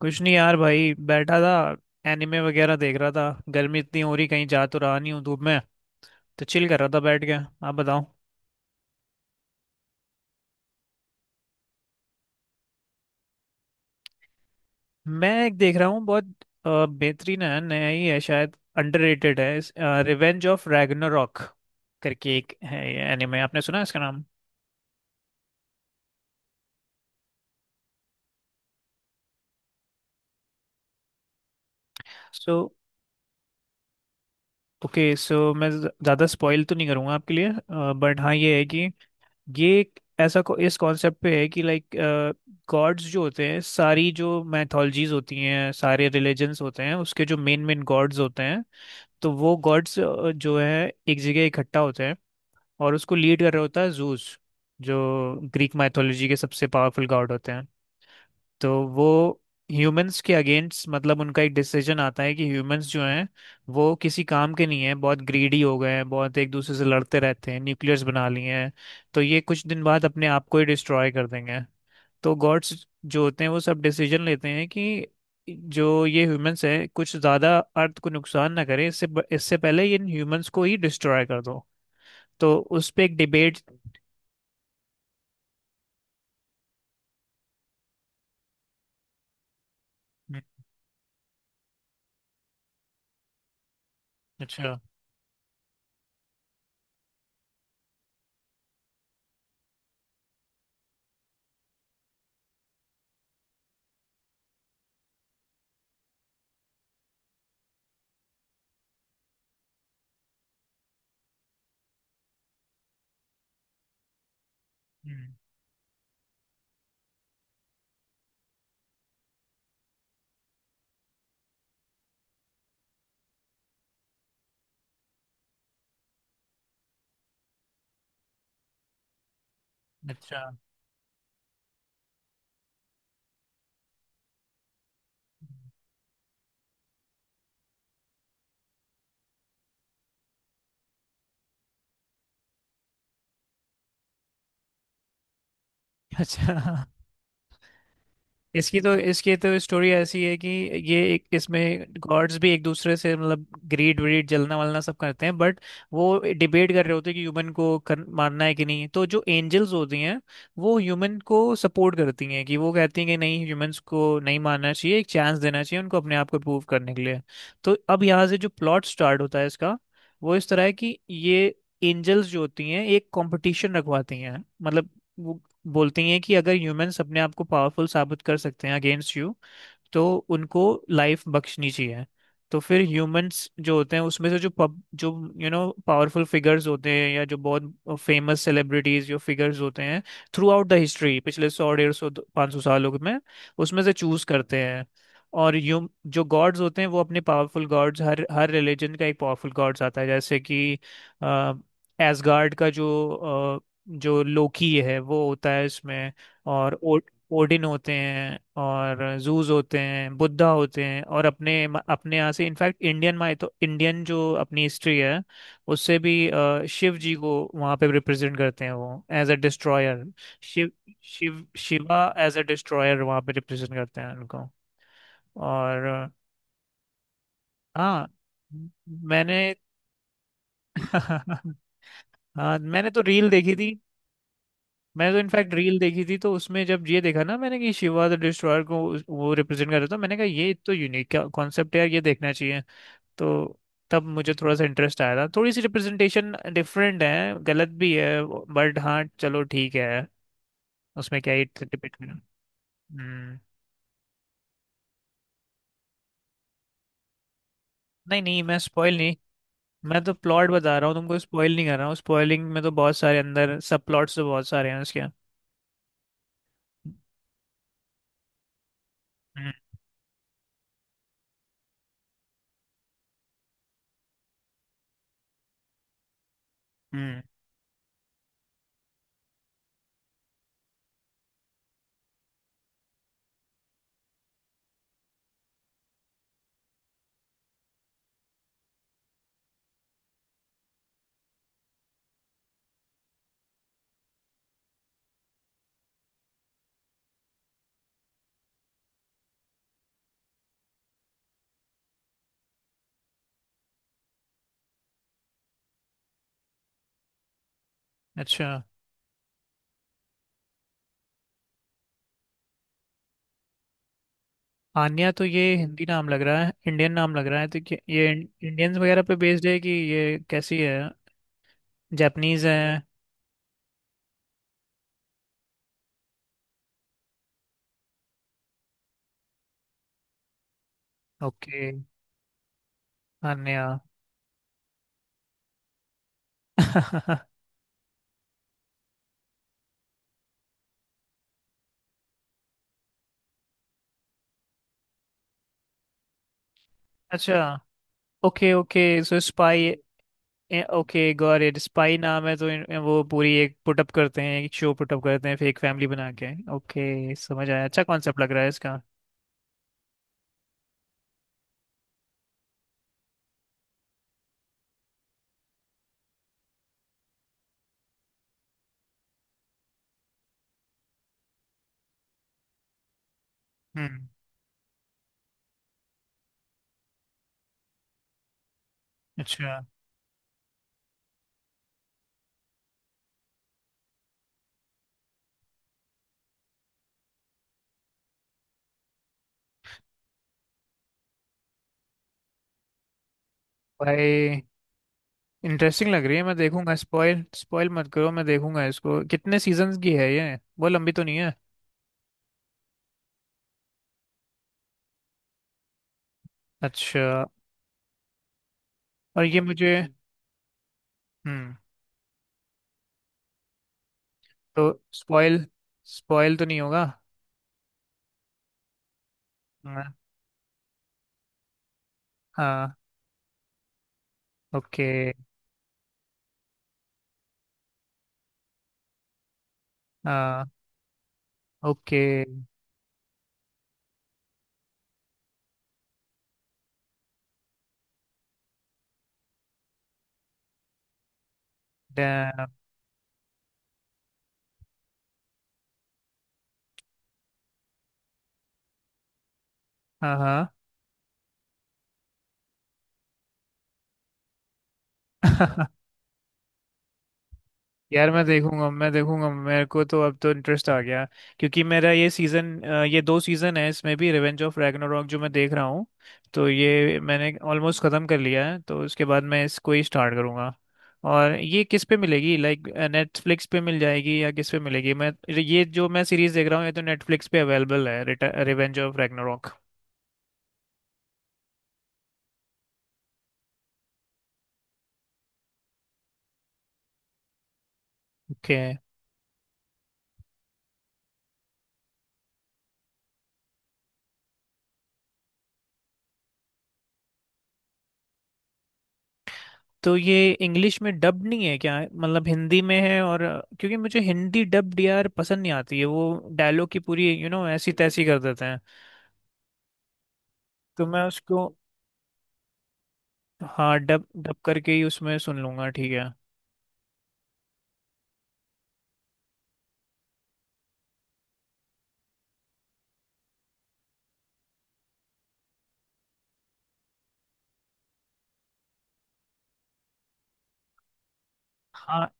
कुछ नहीं यार, भाई बैठा था। एनिमे वगैरह देख रहा था। गर्मी इतनी हो रही, कहीं जा तो रहा नहीं हूँ धूप में, तो चिल कर रहा था बैठ के। आप बताओ। मैं एक देख रहा हूँ, बहुत बेहतरीन है, नया ही है शायद, अंडररेटेड है रिवेंज ऑफ रैग्नारॉक करके एक है ये एनिमे। आपने सुना है इसका नाम? सो ओके, सो मैं ज़्यादा स्पॉइल तो नहीं करूँगा आपके लिए, बट हाँ ये है कि ये एक इस कॉन्सेप्ट पे है कि लाइक, गॉड्स जो होते हैं, सारी जो मैथोलॉजीज होती हैं, सारे रिलीजन्स होते हैं, उसके जो मेन मेन गॉड्स होते हैं, तो वो गॉड्स जो है एक जगह इकट्ठा होते हैं, और उसको लीड कर रहा होता है जूस, जो ग्रीक मैथोलॉजी के सबसे पावरफुल गॉड होते हैं। तो वो ह्यूमंस के अगेंस्ट, मतलब उनका एक डिसीजन आता है कि ह्यूमंस जो हैं वो किसी काम के नहीं है, बहुत ग्रीडी हो गए हैं, बहुत एक दूसरे से लड़ते रहते हैं, न्यूक्लियर्स बना लिए हैं, तो ये कुछ दिन बाद अपने आप को ही डिस्ट्रॉय कर देंगे। तो गॉड्स जो होते हैं वो सब डिसीजन लेते हैं कि जो ये ह्यूमंस हैं कुछ ज़्यादा अर्थ को नुकसान ना करें, इससे, इससे पहले ये इन ह्यूमंस को ही डिस्ट्रॉय कर दो। तो उस पे एक डिबेट। अच्छा। हम्म, अच्छा। अच्छा। इसकी तो स्टोरी ऐसी है कि ये एक, इसमें गॉड्स भी एक दूसरे से मतलब ग्रीड व्रीड जलना वलना सब करते हैं, बट वो डिबेट कर रहे होते हैं कि ह्यूमन को मारना है कि नहीं। तो जो एंजल्स होती हैं वो ह्यूमन को सपोर्ट करती हैं, कि वो कहती हैं कि नहीं, ह्यूमंस को नहीं मारना चाहिए, एक चांस देना चाहिए उनको अपने आप को प्रूव करने के लिए। तो अब यहाँ से जो प्लॉट स्टार्ट होता है इसका, वो इस तरह है कि ये एंजल्स जो होती हैं एक कंपटीशन रखवाती हैं। मतलब, बोलती हैं कि अगर ह्यूमंस अपने आप को पावरफुल साबित कर सकते हैं अगेंस्ट यू, तो उनको लाइफ बख्शनी चाहिए। तो फिर ह्यूमंस जो होते हैं उसमें से जो पब जो यू नो पावरफुल फिगर्स होते हैं, या जो बहुत फेमस सेलिब्रिटीज जो फिगर्स होते हैं थ्रू आउट द हिस्ट्री, पिछले 100 150 500 सालों में, उसमें से चूज करते हैं। और ह्यूम जो गॉड्स होते हैं वो अपने पावरफुल गॉड्स, हर हर रिलीजन का एक पावरफुल गॉड्स आता है, जैसे कि एसगार्ड का जो अ, जो लोकी है वो होता है इसमें, और ओडिन होते हैं, और जूस होते हैं, बुद्धा होते हैं, और अपने अपने यहाँ से, इनफैक्ट, इंडियन माय तो इंडियन, जो अपनी हिस्ट्री है उससे भी शिव जी को वहाँ पे रिप्रेजेंट करते हैं, वो as a destroyer. Shiv Shiv Shiva as a destroyer वहाँ पे रिप्रेजेंट करते हैं उनको। और हाँ, मैंने हाँ, मैंने तो रील देखी थी। मैंने तो इनफैक्ट रील देखी थी, तो उसमें जब ये देखा ना मैंने कि शिवा द डिस्ट्रॉयर को वो रिप्रेजेंट कर रहा था, मैंने कहा ये तो यूनिक कॉन्सेप्ट है यार, ये देखना चाहिए। तो तब मुझे थोड़ा सा इंटरेस्ट आया था। थोड़ी सी रिप्रेजेंटेशन डिफरेंट है, गलत भी है, बट हाँ चलो ठीक है, उसमें क्या ही डिबेट में। हम्म। नहीं नहीं, मैं स्पॉइल नहीं, मैं तो प्लॉट बता रहा हूँ तुमको, स्पॉइल नहीं कर रहा हूँ। स्पॉइलिंग में तो बहुत सारे अंदर सब, प्लॉट्स तो बहुत सारे हैं उसके। हम्म। हम्म। अच्छा। आन्या? तो ये हिंदी नाम लग रहा है, इंडियन नाम लग रहा है, तो ये इंडियंस वगैरह पे बेस्ड है कि ये कैसी है? जापानीज है? ओके। आन्या। अच्छा। Okay, okay, so spy, okay, got it. Spy नाम है तो वो पूरी एक पुटअप करते हैं, एक शो पुटअप करते हैं फेक फैमिली बना के। ओके, समझ आया, अच्छा कॉन्सेप्ट लग रहा है इसका। हम्म। अच्छा। भाई, इंटरेस्टिंग लग रही है, मैं देखूंगा। स्पॉइल स्पॉइल मत करो, मैं देखूंगा इसको। कितने सीजन्स की है ये? वो लंबी तो नहीं है? अच्छा। और ये मुझे, हम्म, तो स्पॉइल, स्पॉइल तो नहीं होगा? हाँ। हाँ। ओके। हाँ। ओके। डैम। हाँ। हाँ। यार मैं देखूंगा, मैं देखूंगा, मेरे को तो अब तो इंटरेस्ट आ गया। क्योंकि मेरा ये सीजन, ये 2 सीजन है इसमें भी, रिवेंज ऑफ रैग्नारोक जो मैं देख रहा हूँ तो ये मैंने ऑलमोस्ट खत्म कर लिया है, तो उसके बाद मैं इसको ही स्टार्ट करूंगा। और ये किस पे मिलेगी, लाइक नेटफ्लिक्स पे मिल जाएगी या किस पे मिलेगी? मैं, ये जो मैं सीरीज देख रहा हूँ ये तो नेटफ्लिक्स पे अवेलेबल है, रिवेंज ऑफ रैग्नारोक। ओके। तो ये इंग्लिश में डब नहीं है क्या, मतलब हिंदी में है, और क्योंकि मुझे हिंदी डब्ड यार पसंद नहीं आती है वो, डायलॉग की पूरी यू you नो know, ऐसी तैसी कर देते हैं। तो मैं उसको हाँ, डब डब करके ही उसमें सुन लूंगा, ठीक है? हाँ।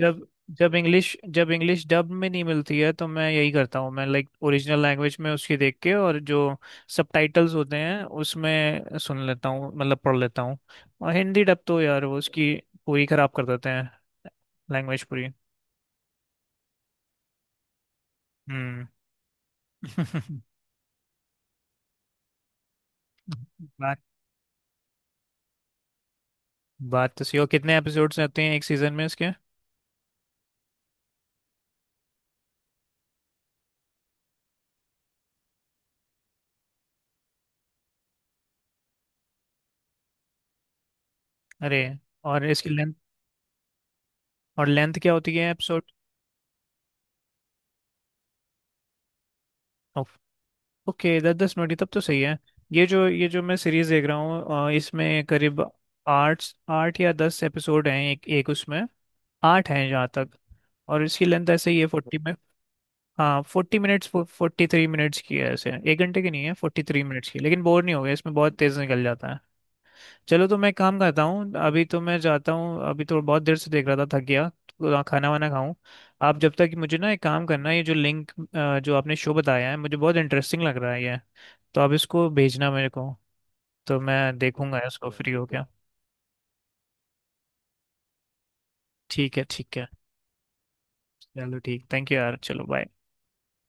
जब जब इंग्लिश डब में नहीं मिलती है तो मैं यही करता हूँ, मैं लाइक ओरिजिनल लैंग्वेज में उसकी देख के, और जो सबटाइटल्स होते हैं उसमें सुन लेता हूँ, मतलब पढ़ लेता हूँ। और हिंदी डब तो यार वो उसकी पूरी खराब कर देते हैं, लैंग्वेज पूरी। हम्म। बात बात तो सही हो। कितने एपिसोड्स आते हैं एक सीजन में इसके? अरे। और इसकी लेंथ, और लेंथ क्या होती है एपिसोड? ओके, 10 10 मिनट ही, तब तो सही है। ये जो मैं सीरीज देख रहा हूँ इसमें करीब 8, 8 या 10 एपिसोड हैं, एक एक उसमें, 8 हैं जहाँ तक। और इसकी लेंथ ऐसे ही है 40 में, हाँ 40 मिनट्स, 43 मिनट्स की है ऐसे, एक घंटे की नहीं है, 43 मिनट्स की, लेकिन बोर नहीं हो गया इसमें, बहुत तेज निकल जाता है। चलो तो मैं एक काम करता हूँ, अभी तो मैं जाता हूँ, अभी तो बहुत देर से देख रहा था, थक गया, तो खाना वाना खाऊं। आप जब तक, मुझे ना एक काम करना, ये जो लिंक जो आपने शो बताया है, मुझे बहुत इंटरेस्टिंग लग रहा है ये, तो आप इसको भेजना मेरे को, तो मैं देखूंगा इसको फ्री हो क्या। ठीक है, ठीक है। चलो ठीक, थैंक यू यार, चलो बाय।